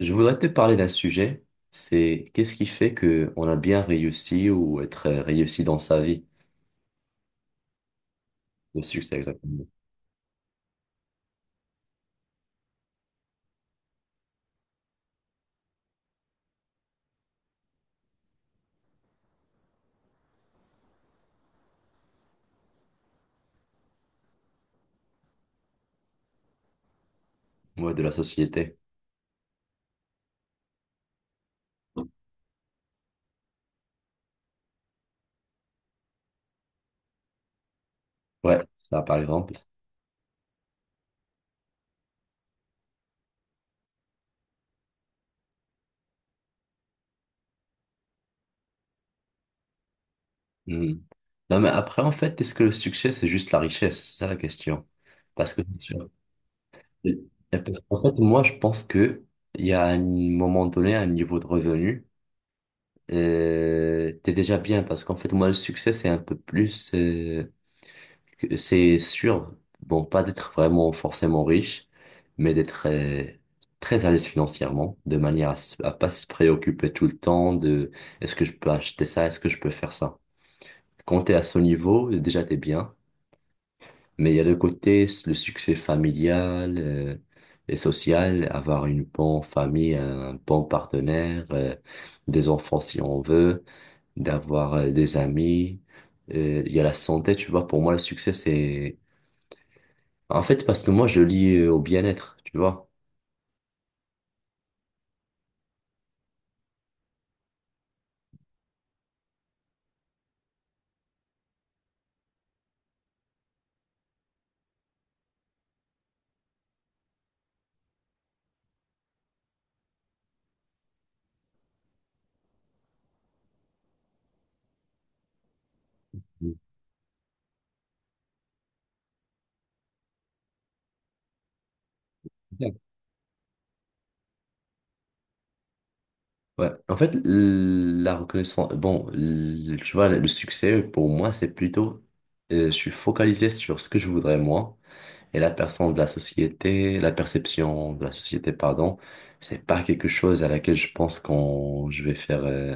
Je voudrais te parler d'un sujet, c'est qu'est-ce qui fait que on a bien réussi ou être réussi dans sa vie, le succès exactement, ouais, de la société. Ouais, ça par exemple. Hmm. Non mais après en fait, est-ce que le succès c'est juste la richesse? C'est ça la question. Parce que parce qu'en fait moi je pense que il y a un moment donné un niveau de revenu, t'es déjà bien parce qu'en fait moi le succès c'est un peu plus. Que c'est sûr, bon, pas d'être vraiment forcément riche, mais d'être très à l'aise financièrement, de manière à, à pas se préoccuper tout le temps de est-ce que je peux acheter ça, est-ce que je peux faire ça. Quand t'es à ce niveau, déjà t'es bien, mais il y a le côté, le succès familial et social, avoir une bonne famille, un bon partenaire, des enfants si on veut, d'avoir des amis. Il y a la santé, tu vois, pour moi, le succès, c'est en fait, parce que moi, je lis au bien-être, tu vois. D'accord. Ouais. En fait, la reconnaissance, bon, tu vois, le succès, pour moi, c'est plutôt, je suis focalisé sur ce que je voudrais moi, et la personne de la société, la perception de la société, pardon, c'est pas quelque chose à laquelle je pense quand je vais faire,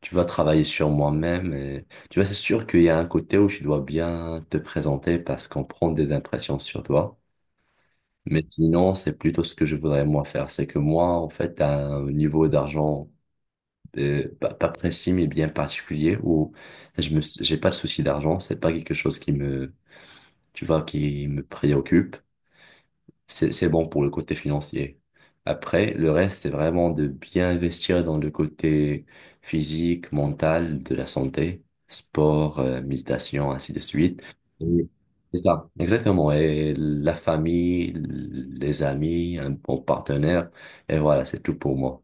tu vois, travailler sur moi-même. Tu vois, c'est sûr qu'il y a un côté où tu dois bien te présenter parce qu'on prend des impressions sur toi. Mais sinon, c'est plutôt ce que je voudrais moi faire. C'est que moi, en fait, à un niveau d'argent pas précis, mais bien particulier, où j'ai pas de souci d'argent. C'est pas quelque chose qui me, tu vois, qui me préoccupe. C'est bon pour le côté financier. Après, le reste, c'est vraiment de bien investir dans le côté physique, mental, de la santé, sport, méditation, ainsi de suite. Et c'est ça, exactement. Et la famille, les amis, un bon partenaire. Et voilà, c'est tout pour moi.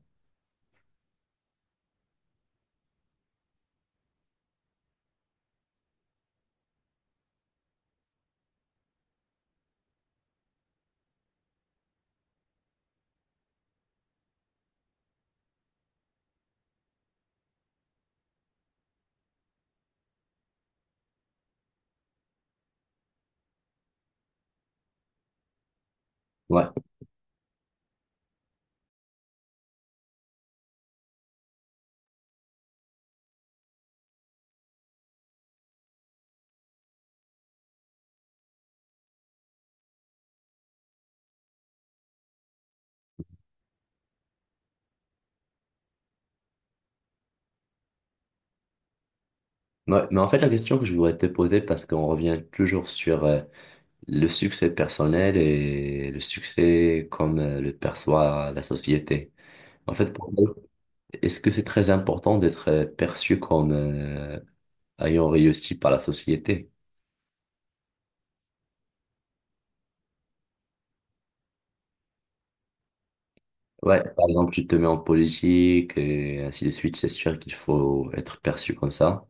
Ouais. Ouais. Mais en fait, la question que je voudrais te poser, parce qu'on revient toujours sur le succès personnel et le succès comme le perçoit la société. En fait, toi, est-ce que c'est très important d'être perçu comme ayant réussi par la société? Ouais, par exemple, tu te mets en politique et ainsi de suite, c'est sûr qu'il faut être perçu comme ça.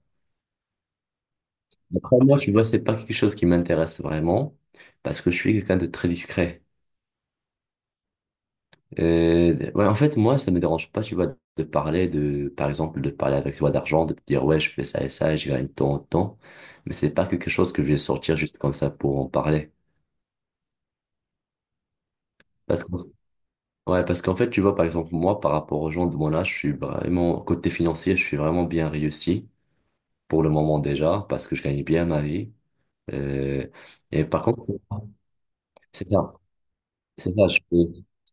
Après, moi, tu vois, c'est pas quelque chose qui m'intéresse vraiment parce que je suis quelqu'un de très discret. Ouais, en fait, moi, ça me dérange pas, tu vois, de parler de, par exemple, de parler avec toi d'argent, de te dire, ouais, je fais ça et ça, et je gagne tant, tant. Mais c'est pas quelque chose que je vais sortir juste comme ça pour en parler. Parce que, ouais, parce qu'en fait, tu vois, par exemple, moi, par rapport aux gens de mon âge, je suis vraiment, côté financier, je suis vraiment bien réussi pour le moment déjà, parce que je gagne bien ma vie. Euh, et par contre, c'est ça, c'est ça, je fais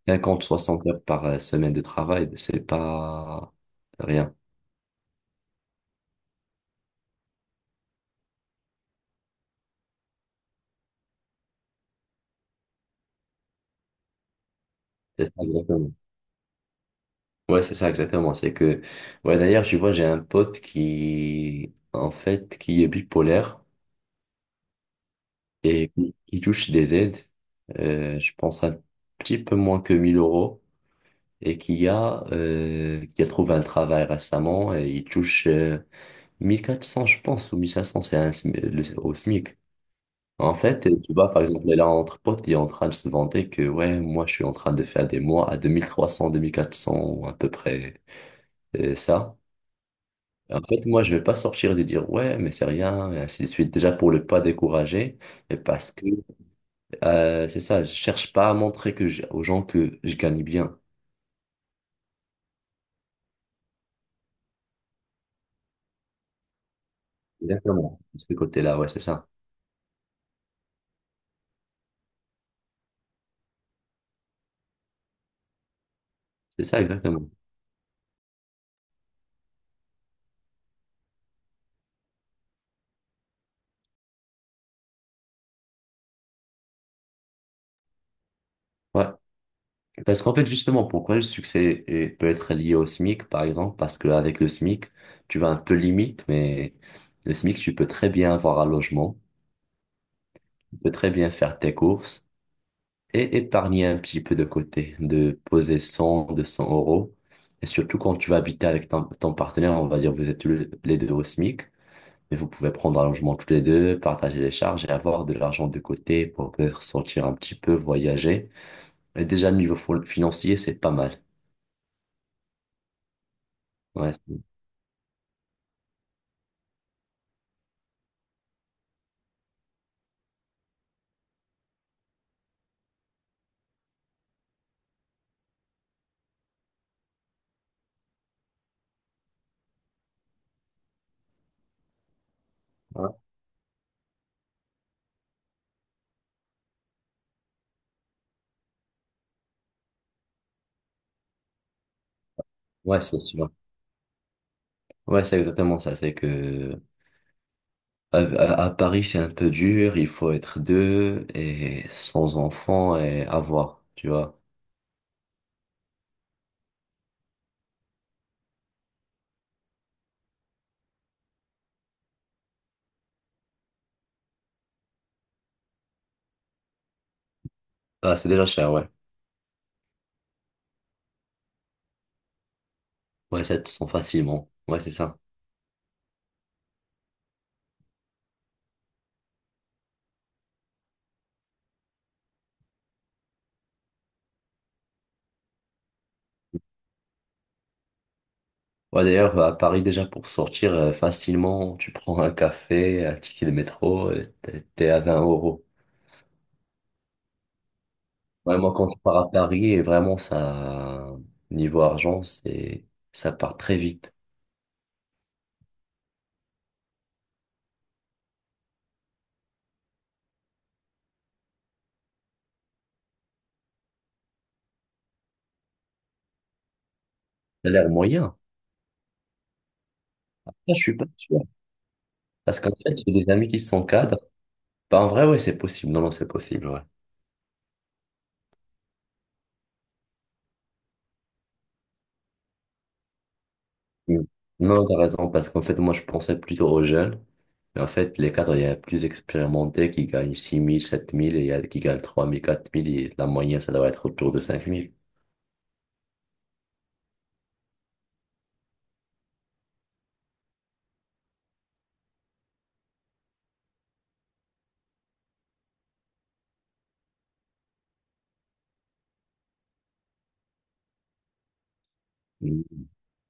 50 60 heures par semaine de travail, c'est pas rien. C'est ça, exactement. Ouais, c'est ça, exactement. C'est que, ouais, d'ailleurs, je vois, j'ai un pote qui, en fait, qui est bipolaire et qui touche des aides, je pense un petit peu moins que 1 000 € et qui a trouvé un travail récemment et il touche, 1 400 je pense, ou 1 500, c'est un SMI au SMIC. En fait, tu vois, par exemple, là, entre potes, il est en train de se vanter que, ouais, moi, je suis en train de faire des mois à deux mille trois cents deux mille quatre cents ou à peu près, ça. Et en fait, moi, je vais pas sortir de dire ouais, mais c'est rien, et ainsi de suite. Déjà pour ne pas décourager, et parce que c'est ça, je cherche pas à montrer que aux gens que je gagne bien. Exactement. De ce côté-là, ouais, c'est ça. C'est ça, exactement. Ouais. Parce qu'en fait, justement, pourquoi le succès peut être lié au SMIC, par exemple? Parce qu'avec le SMIC, tu vas un peu limite, mais le SMIC, tu peux très bien avoir un logement, tu peux très bien faire tes courses. Et épargner un petit peu de côté, de poser cent deux cents euros. Et surtout quand tu vas habiter avec ton, ton partenaire, on va dire vous êtes tous les deux au SMIC, mais vous pouvez prendre un logement tous les deux, partager les charges et avoir de l'argent de côté pour peut-être sortir un petit peu, voyager. Et déjà, niveau financier, c'est pas mal. Ouais, c'est ouais, ouais, c'est sûr. Ouais, c'est exactement ça. C'est que à Paris, c'est un peu dur, il faut être deux et sans enfants et avoir, tu vois. Ah, c'est déjà cher, ouais. Ouais, 700 facilement. Ouais, c'est ça. Ouais, d'ailleurs, à Paris, déjà, pour sortir facilement, tu prends un café, un ticket de métro, t'es à 20 euros. Ouais, moi, quand je pars à Paris, et vraiment, ça, niveau argent, ça part très vite. Ça a l'air moyen. Ça, je suis pas sûr. Parce qu'en fait, j'ai des amis qui sont cadres. Bah, en vrai, ouais, c'est possible. Non, non, c'est possible. Ouais. Mm. Non, t'as raison, parce qu'en fait, moi, je pensais plutôt aux jeunes. Mais en fait, les cadres, il y a plus expérimentés qui gagnent six mille sept mille et il y a qui gagnent trois mille quatre mille et la moyenne, ça doit être autour de 5 000. Mm.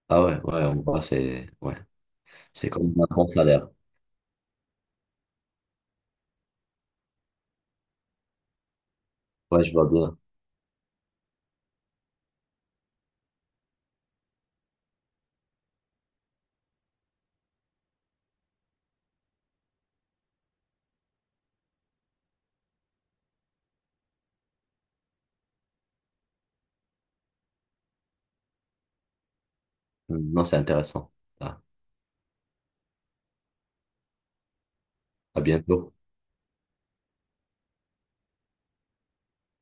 Ah ouais, ouais, on voit, c'est ouais. C'est comme un bon salaire. Ouais, je vois bien. Mm. Non, c'est intéressant. Ah, à bientôt.